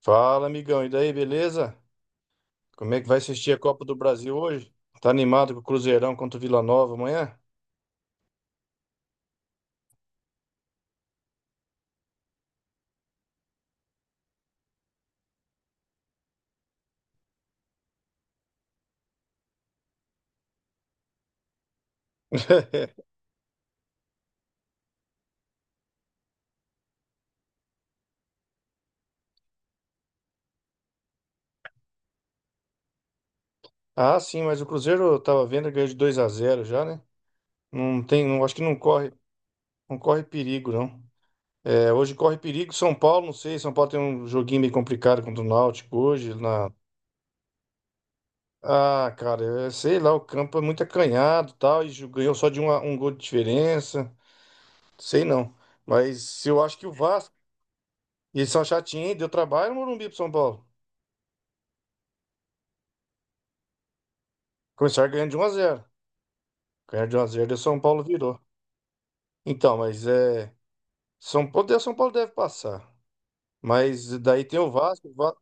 Fala, amigão. E daí, beleza? Como é que vai assistir a Copa do Brasil hoje? Tá animado com o Cruzeirão contra o Vila Nova amanhã? Ah, sim, mas o Cruzeiro eu tava vendo ganhou de 2-0 já, né? Não tem, não, acho que não corre perigo, não. É, hoje corre perigo São Paulo, não sei, São Paulo tem um joguinho meio complicado contra o Náutico hoje na... Ah, cara, é, sei lá, o campo é muito acanhado, e tal, e ganhou só de um gol de diferença. Sei não. Mas eu acho que o Vasco, eles são chatinhos, hein? Deu trabalho no Morumbi pro São Paulo. Começaram ganhando de 1-0. Ganharam de 1-0 e o São Paulo virou. Então, mas é. São Paulo deve passar. Mas daí tem o Vasco.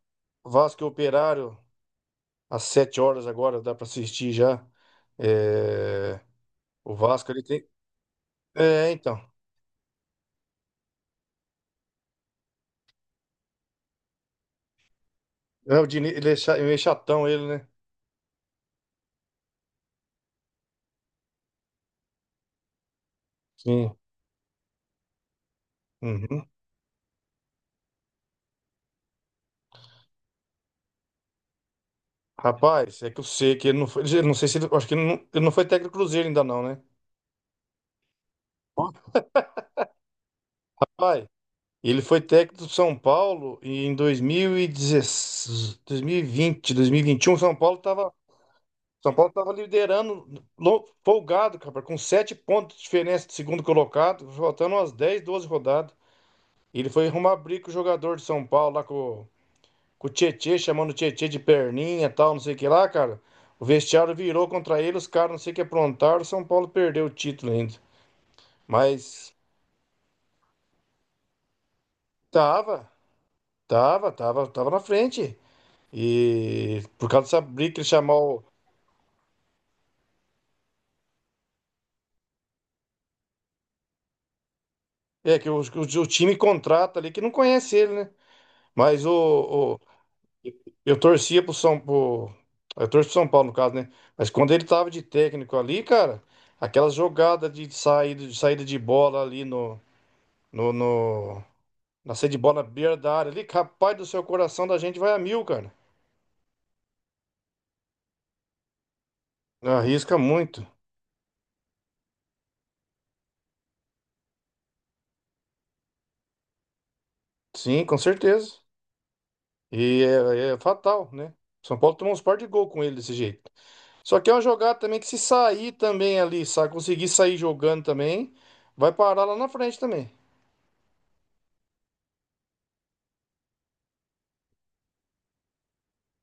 Vasco e Operário, às 7 horas agora, dá pra assistir já. É. O Vasco ele tem. É, então. É, o Diniz, ele é chatão, ele, né? Sim. Uhum. Rapaz, é que eu sei que ele não foi, ele não sei se ele... Acho que ele não foi técnico do Cruzeiro ainda, não, né? Pai. Ele foi técnico do São Paulo e em 2016, 2020, 2021, São Paulo estava liderando folgado, cara, com sete pontos de diferença do segundo colocado, faltando umas 10, 12 rodadas. Ele foi arrumar briga com o jogador de São Paulo lá com o Tietê, chamando o Tietê de perninha, e tal, não sei o que lá, cara. O vestiário virou contra ele, os caras não sei o que aprontaram, o São Paulo perdeu o título ainda. Mas tava, tava na frente. E por causa dessa briga que ele chamou. É, que o time contrata ali, que não conhece ele, né? Mas eu torcia pro São pro, Eu torço pro São Paulo, no caso, né? Mas quando ele tava de técnico ali, cara, aquela jogada de saída de bola ali no, no- na saída de bola na beira da área ali, capaz do seu coração da gente vai a mil, cara. Arrisca muito. Sim, com certeza. E é fatal, né? São Paulo tomou uns par de gol com ele desse jeito. Só que é uma jogada também que se sair também ali, sabe? Conseguir sair jogando também, vai parar lá na frente também.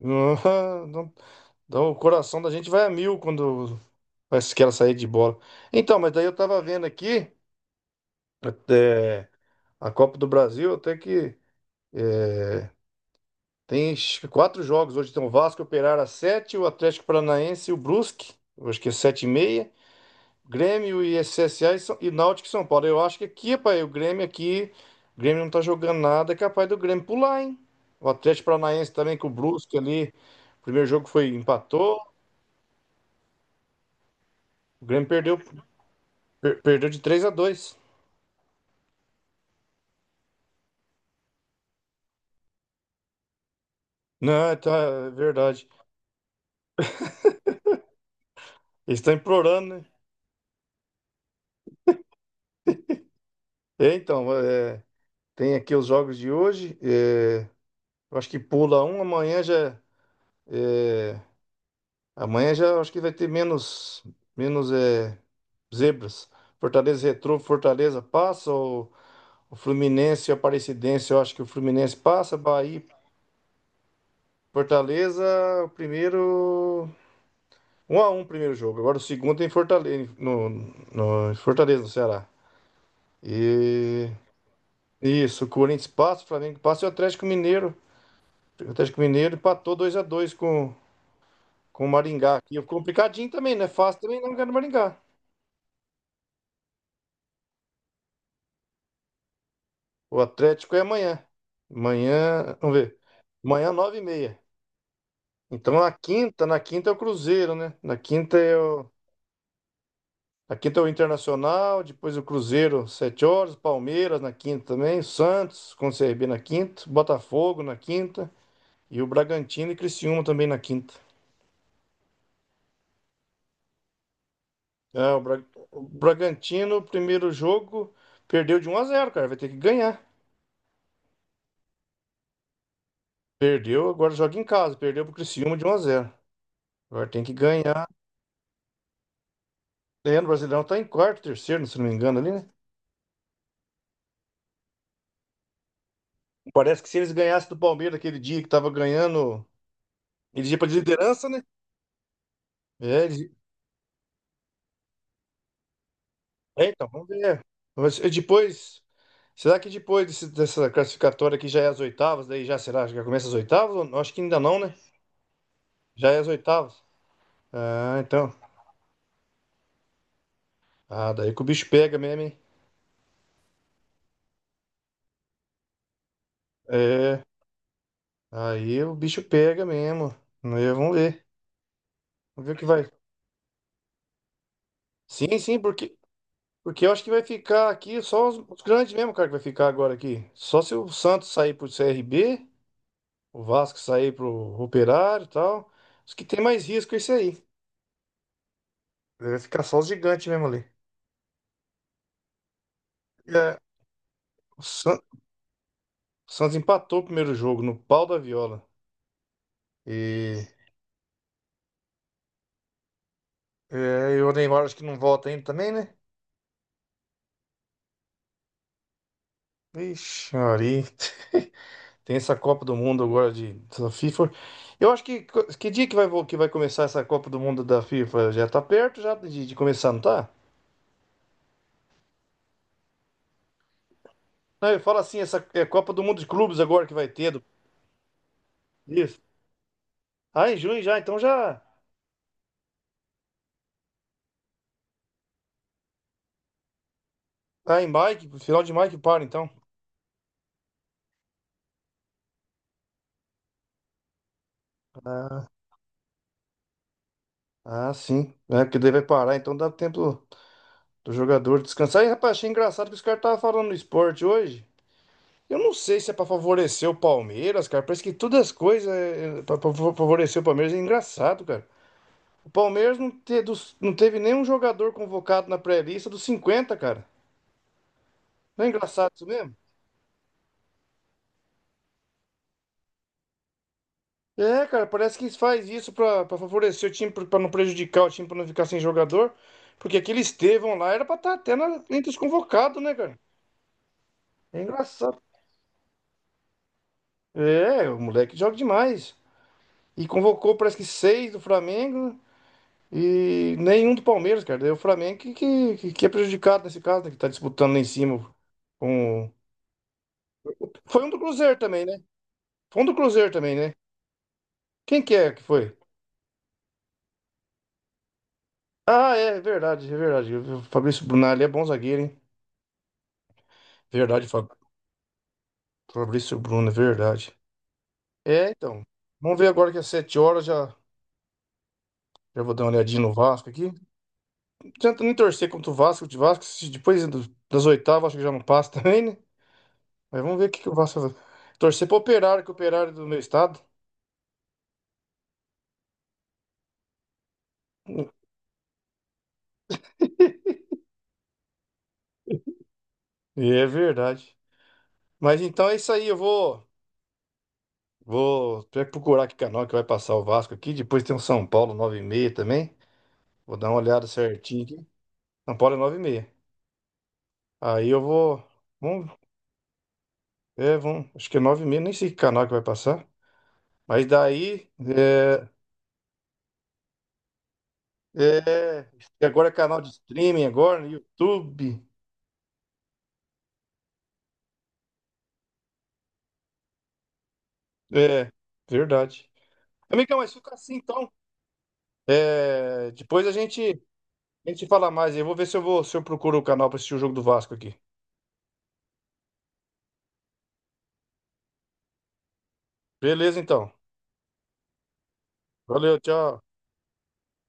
Não- Então o coração da gente vai a mil quando faz aquela saída de bola. Então, mas daí eu tava vendo aqui, é, a Copa do Brasil, até que é, tem acho que quatro jogos hoje. Tem o Vasco, e o Operário às sete, o Atlético Paranaense e o Brusque. Eu acho que é sete e meia. Grêmio e CSA e, e Náutico e São Paulo. Eu acho que aqui, pai, o Grêmio aqui, o Grêmio não tá jogando nada, é capaz do Grêmio pular, hein? O Atlético Paranaense também com o Brusque ali, o primeiro jogo foi empatou, o Grêmio perdeu, perdeu de 3-2. Não, é, tá, é verdade. Eles estão implorando, né? É, então, tem aqui os jogos de hoje, eu acho que pula um, amanhã já acho que vai ter menos, menos zebras. Fortaleza e Retrô, Fortaleza passa, o Fluminense e o Aparecidense, eu acho que o Fluminense passa, Bahia, e Fortaleza, o primeiro. 1-1 o primeiro jogo. Agora o segundo é em Fortaleza, em Fortaleza, no Ceará. E isso, o Corinthians passa, o Flamengo passa e o Atlético Mineiro. O Atlético Mineiro empatou 2-2 com o Maringá. E é complicadinho também, não é fácil também não ganhar do Maringá. O Atlético é amanhã. Amanhã, vamos ver. Amanhã, nove e meia. Então na quinta é o Cruzeiro, né? Na quinta é o... Aqui tem o Internacional, depois o Cruzeiro, 7 horas, Palmeiras na quinta também, Santos com o CRB na quinta, Botafogo na quinta e o Bragantino e Criciúma também na quinta. É, o Bragantino, primeiro jogo, perdeu de 1-0, cara, vai ter que ganhar. Perdeu, agora joga em casa, perdeu pro Criciúma de 1-0. Agora tem que ganhar. É, no Brasileirão tá em quarto, terceiro, se não me engano ali, né? Parece que se eles ganhassem do Palmeiras aquele dia que tava ganhando, eles iam pra liderança, né? É, eles... É, então, vamos ver. Mas e depois, será que depois dessa classificatória aqui já é as oitavas? Daí já será? Já começa as oitavas? Ou não? Acho que ainda não, né? Já é as oitavas. Ah, então. Ah, daí que o bicho pega mesmo, hein? É, aí o bicho pega mesmo. Né, vamos ver. Vamos ver o que vai. Sim, sim, porque eu acho que vai ficar aqui só os grandes mesmo, cara, que vai ficar agora aqui. Só se o Santos sair pro CRB, o Vasco sair pro Operário e tal. Os que tem mais risco é isso aí. Vai ficar só os gigantes mesmo ali. É, o San- o Santos empatou o primeiro jogo no pau da viola. E, e o Neymar acho que não volta ainda também, né? Ixi, Maria. Tem essa Copa do Mundo agora da FIFA. Eu acho que dia que vai começar essa Copa do Mundo da FIFA? Já tá perto já de começar, não tá? Não, eu falo assim, essa é Copa do Mundo de Clubes agora que vai ter. Isso. Ah, em junho já, então já. Ah, em maio, final de maio que para, então. Ah, ah, sim. É, porque daí vai parar, então dá tempo do jogador descansar. E, rapaz, achei engraçado que os caras estavam falando no esporte hoje. Eu não sei se é pra favorecer o Palmeiras, cara. Parece que todas as coisas é pra favorecer o Palmeiras. É engraçado, cara. O Palmeiras não teve nenhum jogador convocado na pré-lista dos 50, cara. Não é engraçado isso mesmo? É, cara, parece que faz isso pra favorecer o time, pra não prejudicar o time, pra não ficar sem jogador. Porque aquele Estevão lá era pra estar até na, entre os convocados, né, cara? É engraçado. É, o moleque joga demais. E convocou, parece que seis do Flamengo e nenhum do Palmeiras, cara. Daí o Flamengo que é prejudicado nesse caso, né? Que tá disputando lá em cima com... Foi um do Cruzeiro também, né? Foi um do Cruzeiro também, né? Quem que é que foi? Ah, é, verdade, é verdade. O Fabrício Brunelli é bom zagueiro, hein? Verdade, Fabrício Bruno, é verdade. É, então. Vamos ver agora que às sete horas já vou dar uma olhadinha no Vasco aqui. Não adianta nem torcer contra o Vasco, de Vasco, se depois das oitavas, acho que já não passa também, né? Mas vamos ver o que que o Vasco vai fazer. Torcer pro Operário, que o Operário é do meu estado. E é verdade. Mas então é isso aí, vou procurar que canal que vai passar o Vasco aqui. Depois tem o São Paulo nove e 30 também. Vou dar uma olhada certinho aqui. São Paulo é 9h30. Aí eu vou. Vamos, vamos. Acho que é 9h30, nem sei que canal que vai passar. Mas daí... é, e agora é canal de streaming, agora, no YouTube. É, verdade. Amigão, mas fica assim então. É, depois a gente... A gente fala mais aí. Eu vou ver se eu procuro o canal pra assistir o jogo do Vasco aqui. Beleza, então. Valeu, tchau.